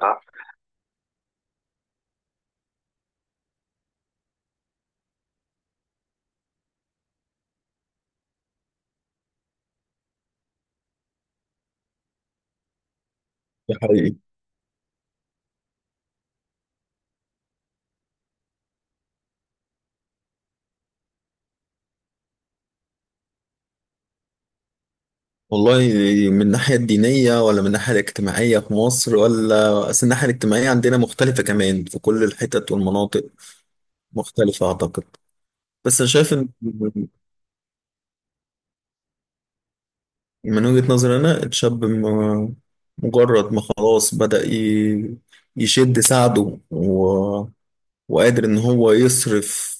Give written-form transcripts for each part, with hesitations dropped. ده حقيقي. والله، من الناحية الدينية ولا من الناحية الاجتماعية في مصر، ولا أصل الناحية الاجتماعية عندنا مختلفة كمان في كل الحتت والمناطق. مختلفة أعتقد. بس أنا شايف إن من وجهة نظري أنا الشاب مجرد ما خلاص بدأ يشد ساعده وقادر ان هو يصرف،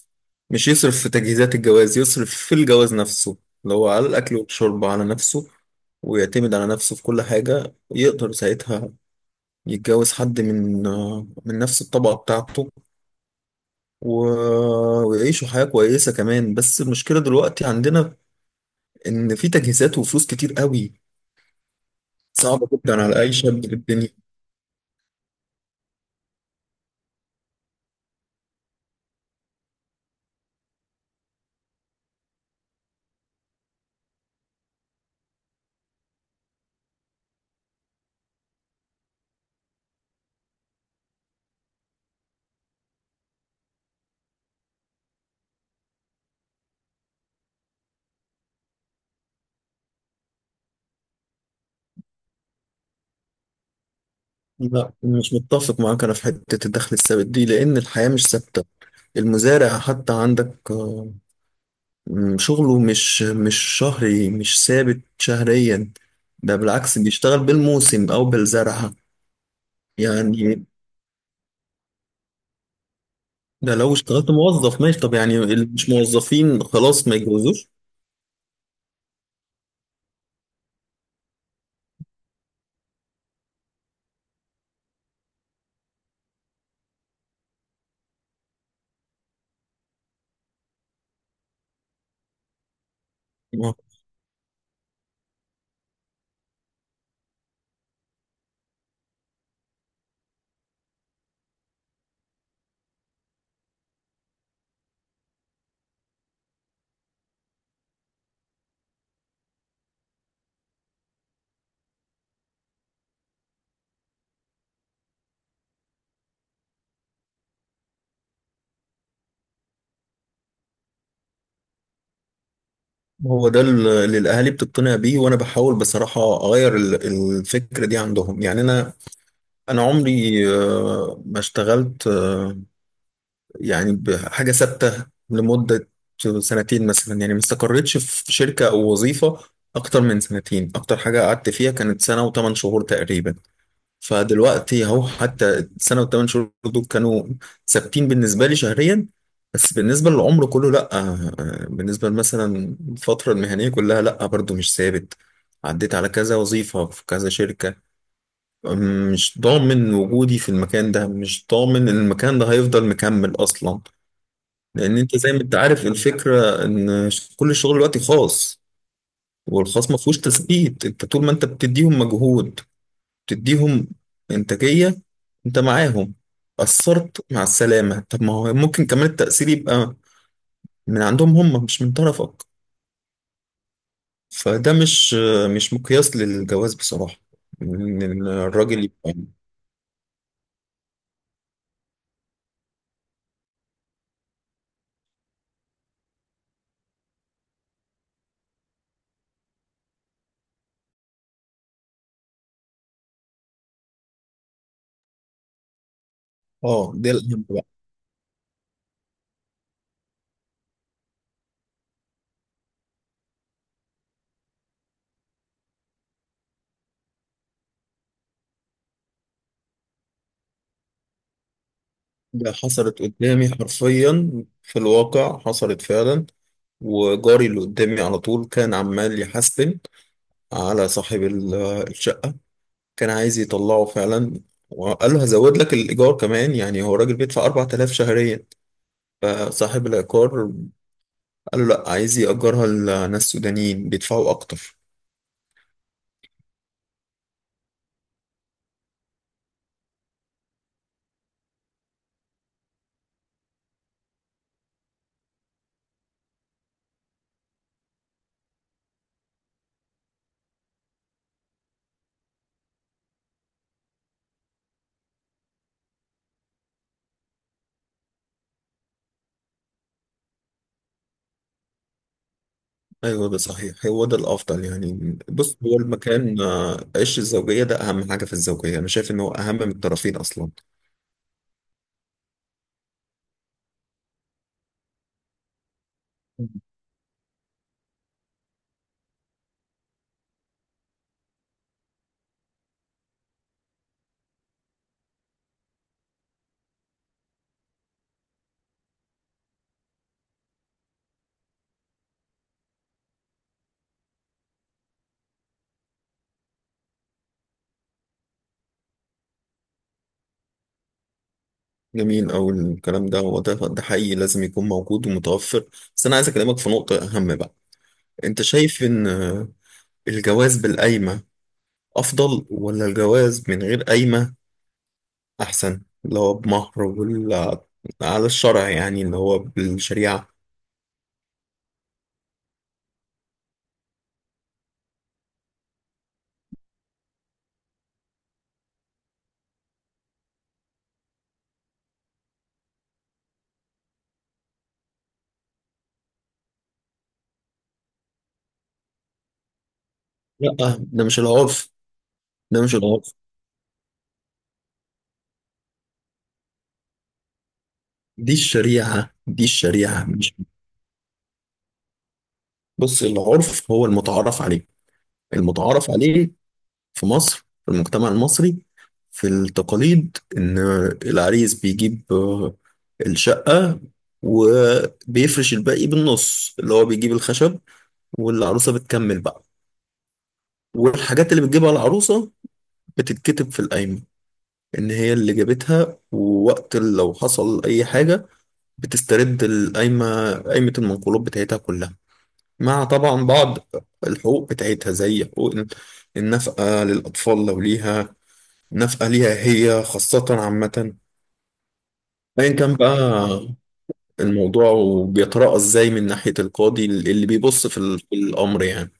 مش يصرف في تجهيزات الجواز، يصرف في الجواز نفسه اللي هو على الاكل والشرب على نفسه ويعتمد على نفسه في كل حاجة. يقدر ساعتها يتجوز حد من نفس الطبقة بتاعته ويعيشوا حياة كويسة كمان. بس المشكلة دلوقتي عندنا إن في تجهيزات وفلوس كتير قوي صعبة جدا على أي شاب في الدنيا. لا، مش متفق معاك أنا في حتة الدخل الثابت دي، لأن الحياة مش ثابتة. المزارع حتى عندك شغله مش شهري، مش ثابت شهريا. ده بالعكس، بيشتغل بالموسم أو بالزرعة يعني. ده لو اشتغلت موظف ماشي، طب يعني اللي مش موظفين خلاص ما يتجوزوش؟ ما هو ده اللي الأهالي بتقتنع بيه، وأنا بحاول بصراحة أغير الفكرة دي عندهم. يعني أنا عمري ما اشتغلت يعني بحاجة ثابتة لمدة سنتين مثلا، يعني ما استقريتش في شركة أو وظيفة أكتر من سنتين. أكتر حاجة قعدت فيها كانت سنة وثمان شهور تقريبا. فدلوقتي أهو حتى السنة وثمان شهور دول كانوا ثابتين بالنسبة لي شهريا، بس بالنسبة للعمر كله لأ، بالنسبة مثلا الفترة المهنية كلها لأ برضو مش ثابت. عديت على كذا وظيفة في كذا شركة. مش ضامن وجودي في المكان ده، مش ضامن إن المكان ده هيفضل مكمل أصلا. لان انت زي ما انت عارف الفكره ان كل الشغل دلوقتي خاص. والخاص ما فيهوش تثبيت. انت طول ما انت بتديهم مجهود، بتديهم انتاجيه، انت معاهم. اثرت، مع السلامه. طب ما هو ممكن كمان التاثير يبقى من عندهم هم مش من طرفك. فده مش مقياس للجواز بصراحه. ان الراجل يبقى. اه ده الاهم. ده حصلت قدامي حرفيا في الواقع، حصلت فعلا. وجاري اللي قدامي على طول كان عمال يحاسبن على صاحب الشقة، كان عايز يطلعه فعلا، وقال له هزود لك الإيجار كمان. يعني هو راجل بيدفع 4000 شهريا، فصاحب العقار قال له لا، عايز يأجرها لناس سودانيين بيدفعوا أكتر. أيوه ده صحيح، هو ده الأفضل. يعني بص، هو المكان، عش الزوجية ده أهم حاجة في الزوجية. أنا شايف إن هو أهم من الطرفين أصلا. جميل أوي الكلام ده، هو ده حقيقي لازم يكون موجود ومتوفر. بس أنا عايز أكلمك في نقطة أهم بقى. أنت شايف إن الجواز بالقايمة أفضل ولا الجواز من غير قايمة أحسن، اللي هو بمهر، ولا على الشرع يعني اللي هو بالشريعة؟ لا، ده مش العرف، ده مش العرف. دي الشريعة، دي الشريعة مش. بص، العرف هو المتعارف عليه، المتعارف عليه في مصر في المجتمع المصري في التقاليد. إن العريس بيجيب الشقة وبيفرش الباقي بالنص، اللي هو بيجيب الخشب والعروسة بتكمل بقى. والحاجات اللي بتجيبها العروسة بتتكتب في القايمة إن هي اللي جابتها، ووقت لو حصل أي حاجة بتسترد القايمة، قايمة المنقولات بتاعتها كلها، مع طبعا بعض الحقوق بتاعتها زي حقوق النفقة للأطفال لو ليها، ناس آلية هي خاصة عامة. أيا كان بقى الموضوع، وبيتراءى إزاي من ناحية القاضي اللي بيبص في في الأمر يعني،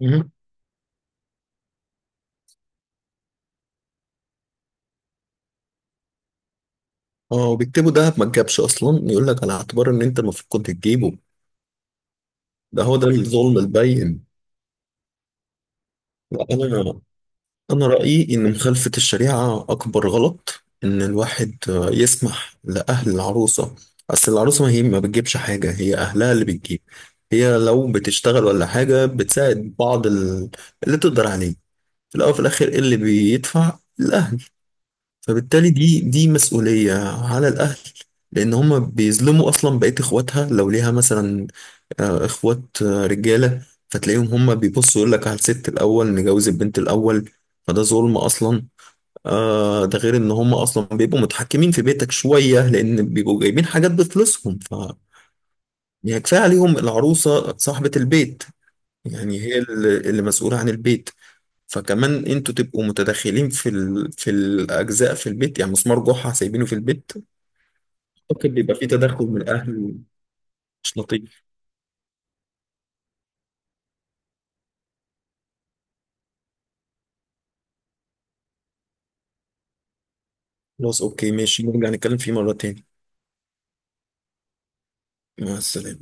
مهم. اه، وبيكتبوا ده ما تجابش أصلا، يقول لك على اعتبار إن أنت المفروض كنت تجيبه. ده هو ده الظلم البين. لا، أنا أنا رأيي إن مخالفة الشريعة أكبر غلط، إن الواحد يسمح لأهل العروسة، أصل العروسة ما هي ما بتجيبش حاجة، هي أهلها اللي بتجيب. هي لو بتشتغل ولا حاجة بتساعد بعض اللي تقدر عليه. في الأول وفي الآخر إيه اللي بيدفع؟ الأهل. فبالتالي دي مسؤولية على الأهل. لأن هما بيظلموا أصلا بقية إخواتها لو ليها مثلا إخوات رجالة، فتلاقيهم هما بيبصوا يقول لك على الست الأول، نجوز البنت الأول. فده ظلم أصلا. آه ده غير إن هما أصلا بيبقوا متحكمين في بيتك شوية، لأن بيبقوا جايبين حاجات بفلوسهم. ف يعني كفاية عليهم العروسة صاحبة البيت، يعني هي اللي مسؤولة عن البيت. فكمان انتوا تبقوا متدخلين في في الاجزاء في البيت، يعني مسمار جحا سايبينه في البيت، ممكن بيبقى فيه تدخل من الاهل، مش لطيف. خلاص اوكي ماشي، نرجع نتكلم فيه مرة تاني. مع السلامة.